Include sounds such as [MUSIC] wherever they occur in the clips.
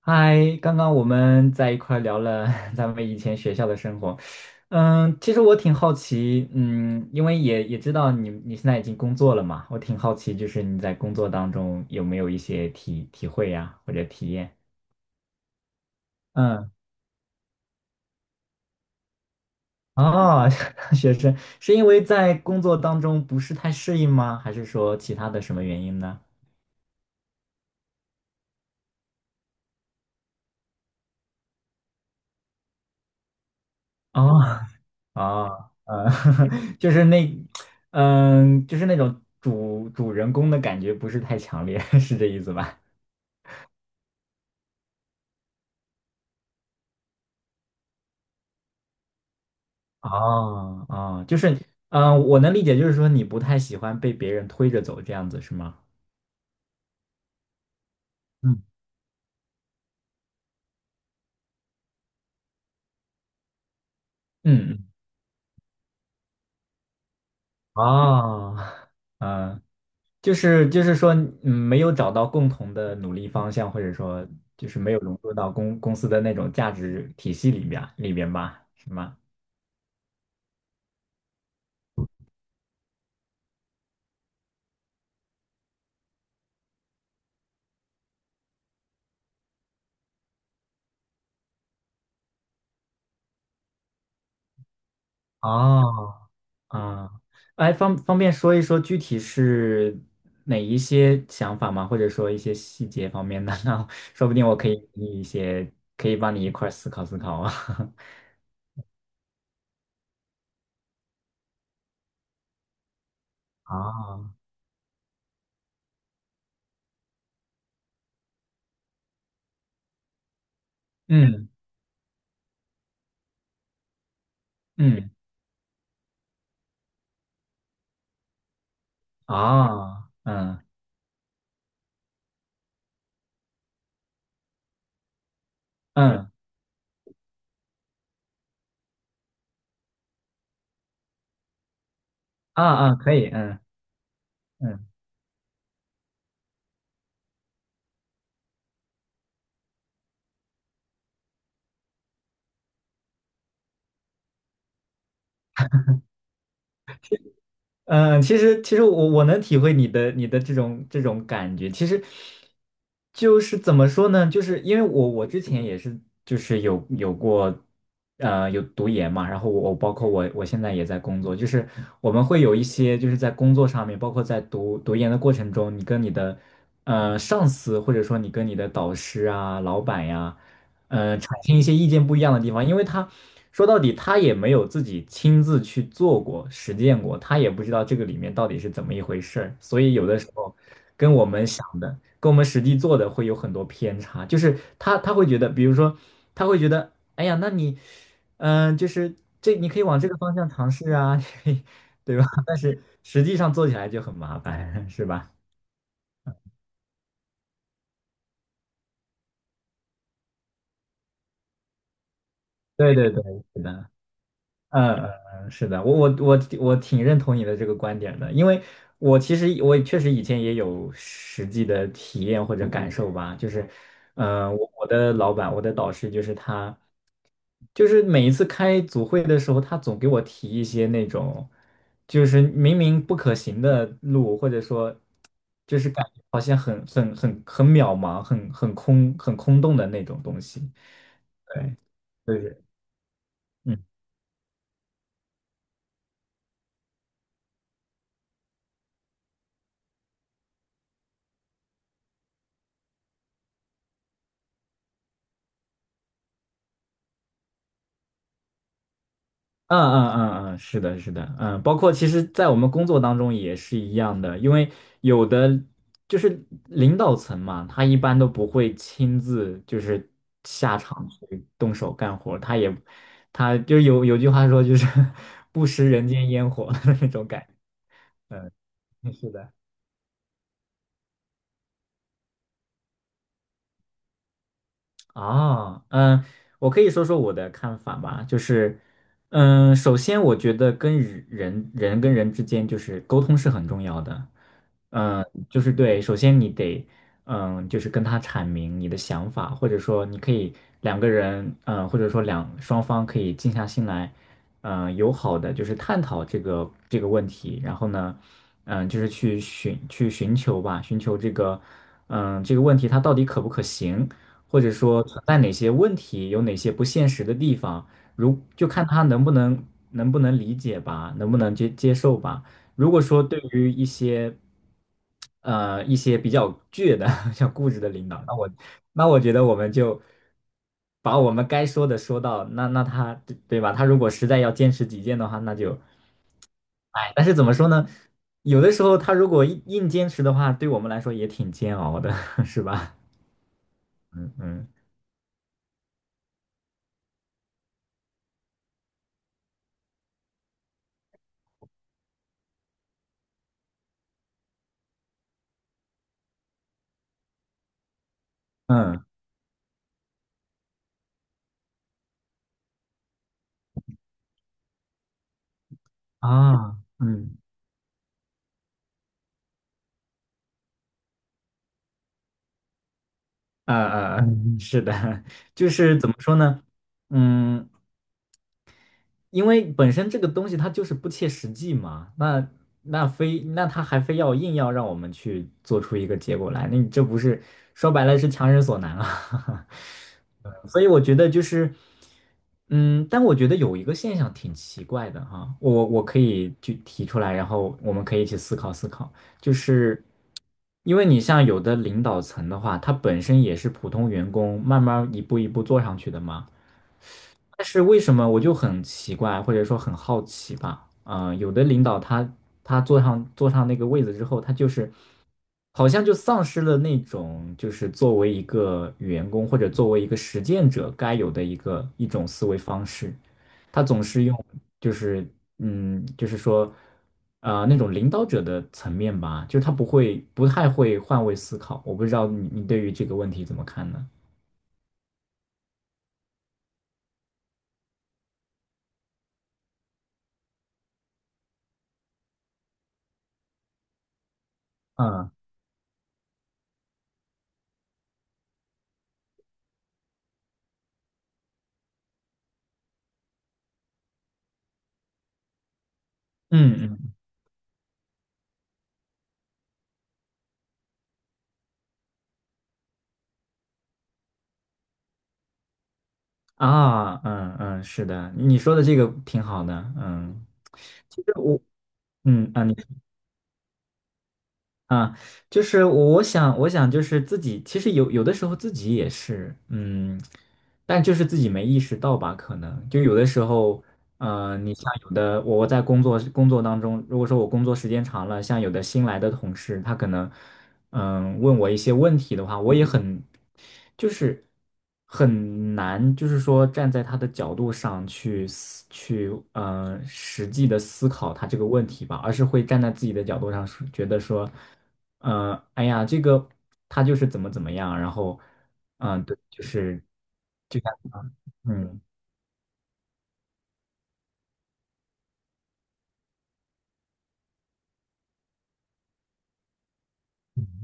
嗨，刚刚我们在一块儿聊了 [LAUGHS] 咱们以前学校的生活。嗯，其实我挺好奇，因为也知道你现在已经工作了嘛，我挺好奇，就是你在工作当中有没有一些体会呀，或者体验？嗯。哦，[LAUGHS] 学生是因为在工作当中不是太适应吗？还是说其他的什么原因呢？哦。哦，[LAUGHS] 就是那，嗯，就是那种主人公的感觉不是太强烈，[LAUGHS] 是这意思吧？哦哦。就是，我能理解，就是说你不太喜欢被别人推着走这样子，是吗？嗯嗯嗯。哦。嗯，就是就是说，嗯，没有找到共同的努力方向，或者说就是没有融入到公司的那种价值体系里边吧，是吗？哦，啊，哎，方便说一说具体是哪一些想法吗？或者说一些细节方面的呢？[LAUGHS] 那说不定我可以给你一些，可以帮你一块儿思考思考啊。[LAUGHS] 啊。嗯嗯。啊，嗯嗯。啊啊，可以。嗯嗯嗯，其实其实我能体会你的这种这种感觉，其实就是怎么说呢？就是因为我之前也是就是有过有读研嘛，然后我包括我现在也在工作，就是我们会有一些就是在工作上面，包括在读研的过程中，你跟你的上司或者说你跟你的导师啊、老板呀。呃，产生一些意见不一样的地方，因为他说到底他也没有自己亲自去做过、实践过，他也不知道这个里面到底是怎么一回事儿，所以有的时候跟我们想的、跟我们实际做的会有很多偏差，就是他会觉得，比如说他会觉得，哎呀，就是这你可以往这个方向尝试啊。[LAUGHS] 对吧？但是实际上做起来就很麻烦，是吧？对对对。是的。嗯嗯嗯，是的，我挺认同你的这个观点的，因为我其实确实以前也有实际的体验或者感受吧，就是，我的导师就是他，就是每一次开组会的时候，他总给我提一些那种，就是明明不可行的路，或者说，就是感觉好像很渺茫、很空洞的那种东西。对，就是。嗯。嗯嗯嗯嗯，是的，是的。嗯，包括其实，在我们工作当中也是一样的，因为有的就是领导层嘛，他一般都不会亲自就是下场去动手干活儿，他就有句话说就是 [LAUGHS] 不食人间烟火的那种感觉。是的。啊，嗯，我可以说说我的看法吧。就是，嗯，首先我觉得跟人之间就是沟通是很重要的。嗯，就是对，首先你得，嗯，就是跟他阐明你的想法，或者说你可以两个人，嗯，或者说双方可以静下心来，嗯，友好的就是探讨这个这个问题。然后呢，嗯，就是去寻求吧，寻求这个，嗯，这个问题它到底可不可行。或者说存在哪些问题，有哪些不现实的地方，就看他能不能理解吧，能不能接受吧。如果说对于一些一些比较倔的、[LAUGHS] 比较固执的领导，那我觉得我们就把我们该说的说到，那那他对对吧？他如果实在要坚持己见的话，那就哎，但是怎么说呢？有的时候他如果硬坚持的话，对我们来说也挺煎熬的，[LAUGHS] 是吧？嗯嗯。嗯。啊。嗯。啊啊嗯，是的，[LAUGHS] 就是怎么说呢？嗯，因为本身这个东西它就是不切实际嘛，那他还非要硬要让我们去做出一个结果来，那你这不是说白了是强人所难啊？[LAUGHS] 所以我觉得就是，嗯，但我觉得有一个现象挺奇怪的哈。我可以去提出来，然后我们可以一起思考思考，就是因为你像有的领导层的话，他本身也是普通员工，慢慢一步一步做上去的嘛。但是为什么我就很奇怪，或者说很好奇吧？嗯、有的领导他坐上那个位子之后，他就是好像就丧失了那种就是作为一个员工或者作为一个实践者该有的一种思维方式。他总是用就是嗯，就是说呃那种领导者的层面吧，就是他不太会换位思考。我不知道你对于这个问题怎么看呢？嗯嗯。啊，嗯嗯，是的，你说的这个挺好的。嗯，其实我，嗯，啊，你。啊，就是我想，我想就是自己，其实有有的时候自己也是，嗯，但就是自己没意识到吧，可能就有的时候，呃，你像有的我在工作当中，如果说我工作时间长了，像有的新来的同事，他可能，嗯，问我一些问题的话，我也很，就是很难，就是说站在他的角度上去，呃，实际的思考他这个问题吧，而是会站在自己的角度上说，觉得说。嗯，哎呀，这个他就是怎么怎么样，然后，对，就是就像嗯嗯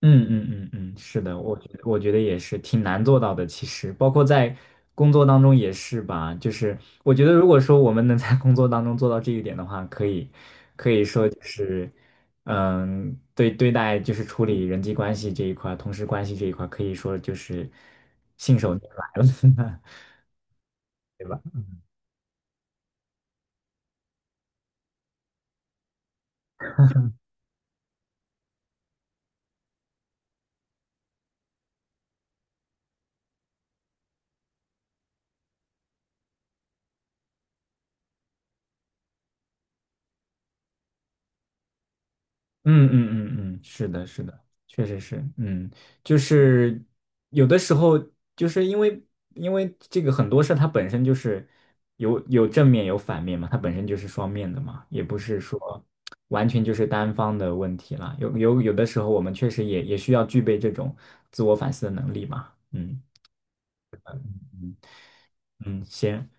嗯嗯。嗯嗯，是的，我觉得也是挺难做到的。其实包括在工作当中也是吧，就是我觉得如果说我们能在工作当中做到这一点的话，可以说就是嗯，对待就是处理人际关系这一块儿同事关系这一块儿可以说就是信手拈来了。[LAUGHS] 对吧？嗯嗯嗯嗯，是的，是的，确实是。嗯，就是有的时候，就是因为这个很多事儿它本身就是有正面有反面嘛，它本身就是双面的嘛，也不是说完全就是单方的问题啦。有的时候，我们确实也需要具备这种自我反思的能力嘛。嗯嗯嗯，行，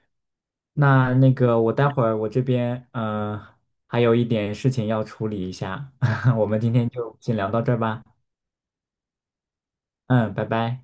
那个我待会儿我这边呃还有一点事情要处理一下，[LAUGHS] 我们今天就先聊到这儿吧。嗯，拜拜。